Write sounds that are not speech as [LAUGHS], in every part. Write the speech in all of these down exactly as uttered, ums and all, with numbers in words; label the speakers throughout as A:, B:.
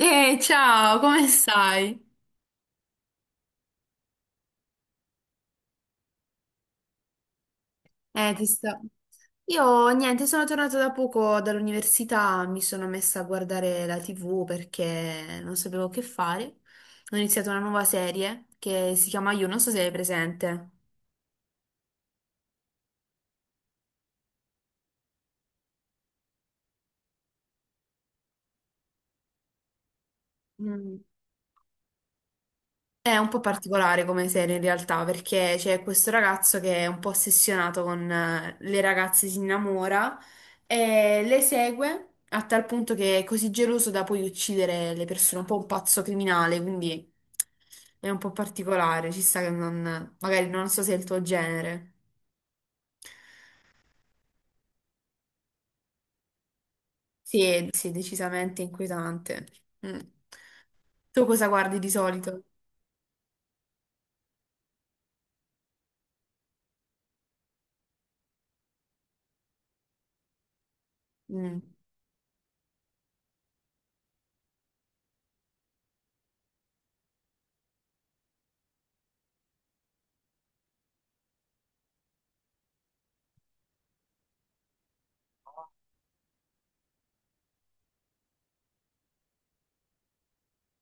A: Ehi, ciao, come stai? Eh, ti sto... Io niente, sono tornata da poco dall'università, mi sono messa a guardare la T V perché non sapevo che fare. Ho iniziato una nuova serie che si chiama You, non so se è presente. Mm. È un po' particolare come serie in realtà, perché c'è questo ragazzo che è un po' ossessionato con eh, le ragazze, si innamora e le segue a tal punto che è così geloso da poi uccidere le persone, un po' un pazzo criminale, quindi è un po' particolare, ci sta che non, magari non so se è il tuo genere. Sì, è- sì, è decisamente inquietante. Mm. Tu cosa guardi di solito? Mm.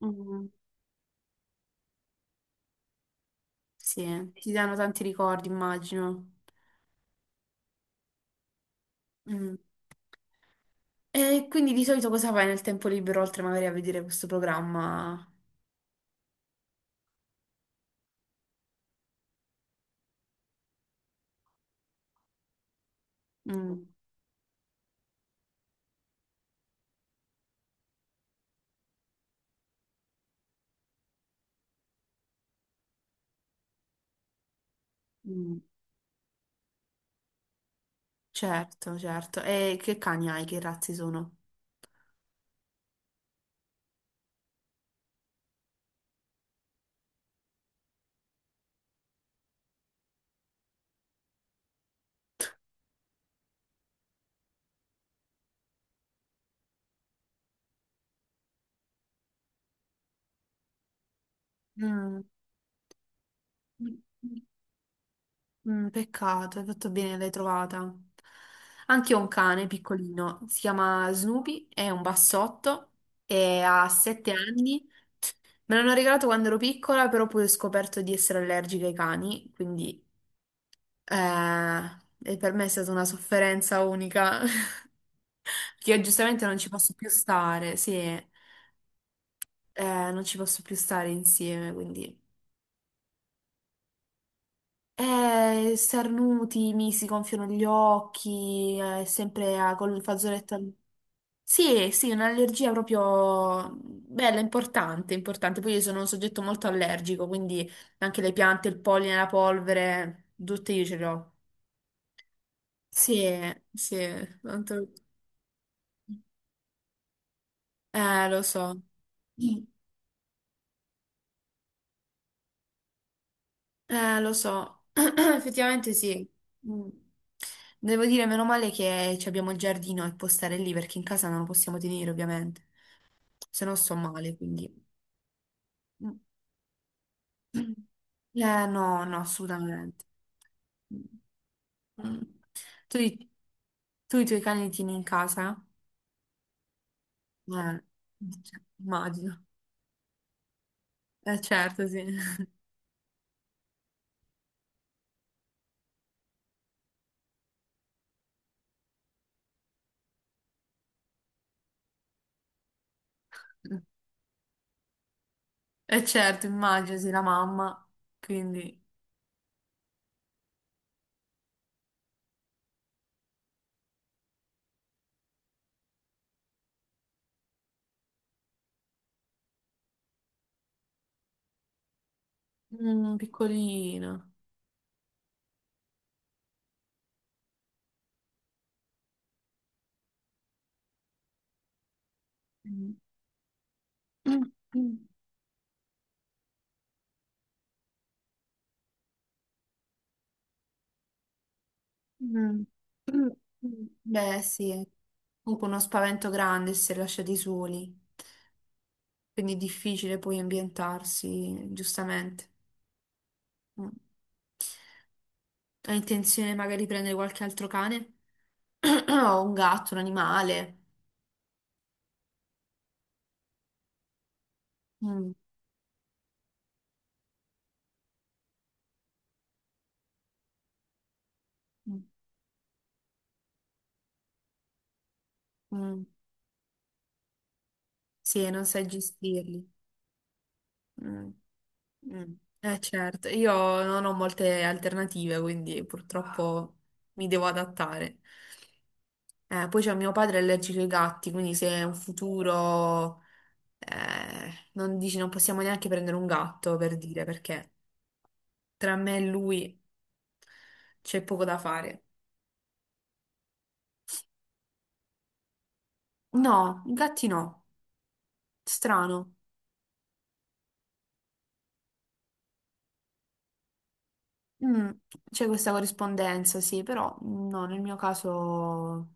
A: Mm. Sì, ti danno tanti ricordi, immagino. Mm. E quindi di solito cosa fai nel tempo libero, oltre magari a vedere questo programma? Mm, mm, certo, certo. E che cani hai? Che razze sono? Mm, mm, peccato, hai fatto bene, l'hai trovata. Anche io ho un cane piccolino, si chiama Snoopy, è un bassotto e ha sette anni. Me l'hanno regalato quando ero piccola, però poi ho scoperto di essere allergica ai cani, quindi eh, e per me è stata una sofferenza unica. [LAUGHS] Che io giustamente non ci posso più stare, sì, eh, non ci posso più stare insieme, quindi... Eh, starnuti, mi si gonfiano gli occhi, eh, sempre a- col fazzoletto... al- Sì, sì, un'allergia proprio bella, importante, importante. Poi io sono un soggetto molto allergico, quindi anche le piante, il polline, la polvere, tutte io ce le ho. Sì, sì, tanto... Eh, lo so. Eh, lo so, [CLEARS THROAT] effettivamente sì. Mm. Devo dire, meno male che ci abbiamo il giardino e può stare lì perché in casa non lo possiamo tenere, ovviamente. Se no sto male, quindi. Mm. [CLEARS THROAT] Eh, no, no, assolutamente. Mm. Tu, i- tu i tuoi cani li tieni in casa? Eh, cioè, immagino. Eh, certo, sì. [LAUGHS] Eh, certo, immagino, sì, la mamma. Quindi, mm, piccolino. Mm. Mm, mm, mm, mm, mm. Beh, sì, comunque uno spavento grande se lasciati soli, quindi è difficile poi ambientarsi, giustamente. Mm. Hai intenzione magari di prendere qualche altro cane? [CLEARS THROAT] O un gatto, un animale? Mm, mm, mm. Sì, non sai gestirli. Mm, mm. Eh certo, io non ho molte alternative, quindi purtroppo mi devo adattare. Eh, poi c'è mio padre è allergico ai gatti, quindi se è un futuro, eh, non dici, non possiamo neanche prendere un gatto per dire, perché tra me e lui c'è poco da fare. No, i gatti no, strano. Mm, c'è questa corrispondenza, sì, però no, nel mio caso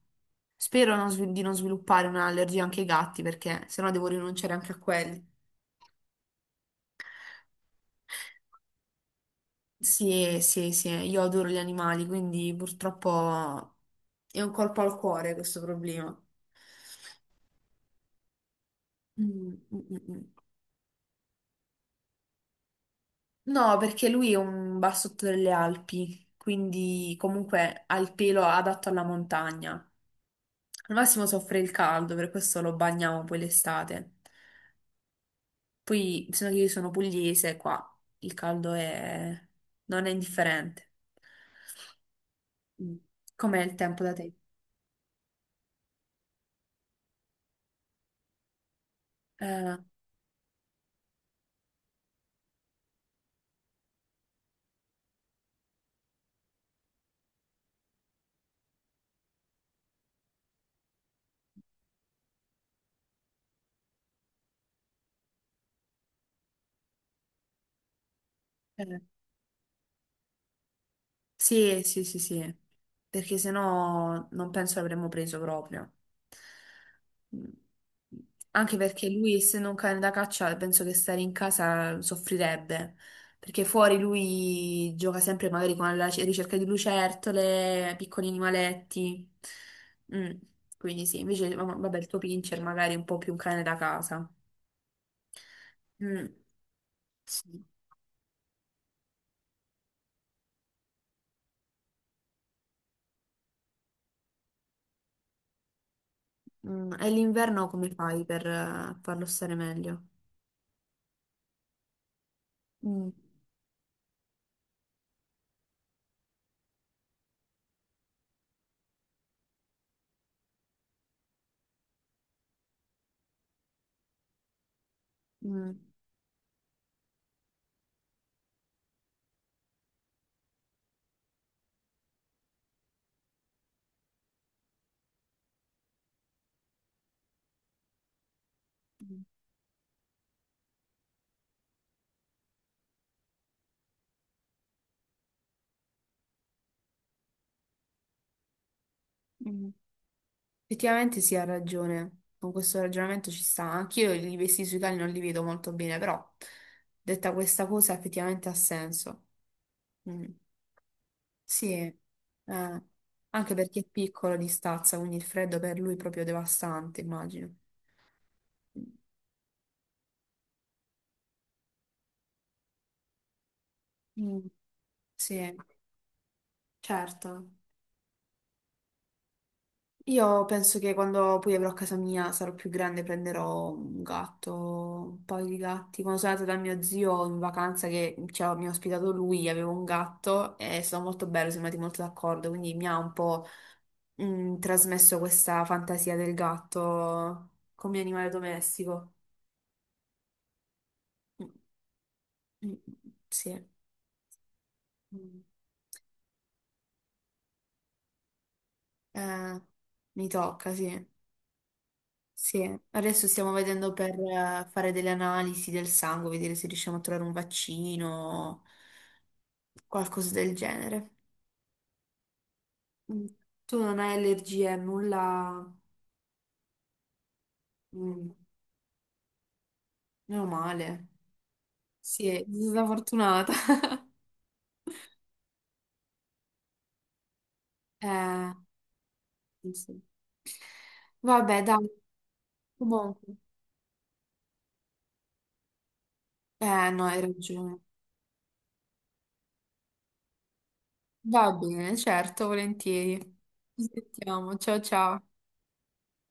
A: spero non svil- di non sviluppare un'allergia anche ai gatti, perché sennò devo rinunciare anche a quelli. Sì, sì, sì, io adoro gli animali, quindi purtroppo è un colpo al cuore questo problema. Mm, mm, mm. No, perché lui è un bassotto delle Alpi, quindi comunque ha il pelo adatto alla montagna. Al massimo soffre il caldo, per questo lo bagniamo poi l'estate. Poi, se che io sono pugliese, qua il caldo è... non è indifferente. Mm. Com'è il tempo da te? Eh, eh. Sì, sì, sì, sì, perché sennò non penso l'avremmo preso proprio. Mm. Anche perché lui, essendo un cane da caccia, penso che stare in casa soffrirebbe, perché fuori lui gioca sempre magari con la ricerca di lucertole, piccoli animaletti. Mm, quindi sì, invece va- vabbè, il tuo pincher magari è un po' più un cane da casa. Mm, sì. Mm, e l'inverno come fai per eh, farlo stare meglio? Mm, mm. Mm. Effettivamente sì, ha ragione. Con questo ragionamento ci sta. Anch'io i vestiti sui cali non li vedo molto bene, però detta questa cosa effettivamente ha senso. Mm. Sì, eh, anche perché è piccolo di stazza, quindi il freddo per lui è proprio devastante, immagino. Mm. Sì, certo. Io penso che quando poi avrò casa mia sarò più grande, prenderò un gatto, un paio di gatti. Quando sono andata da mio zio in vacanza che cioè, mi ha ospitato lui, avevo un gatto e è stato molto bello, siamo andati molto d'accordo, quindi mi ha un po' mh, trasmesso questa fantasia del gatto come animale domestico. Mm, mm, sì, mm. Eh, mi tocca, sì. Sì, adesso stiamo vedendo per eh, fare delle analisi del sangue, vedere se riusciamo a trovare un vaccino qualcosa del genere. Mm. Tu non hai allergie, nulla. Mm. Meno male. Sì, sei stata fortunata. [LAUGHS] Eh, sì. Sì. Vabbè, dai, comunque, eh, no, hai ragione. Va bene, certo, volentieri. Ci sentiamo. Ciao ciao.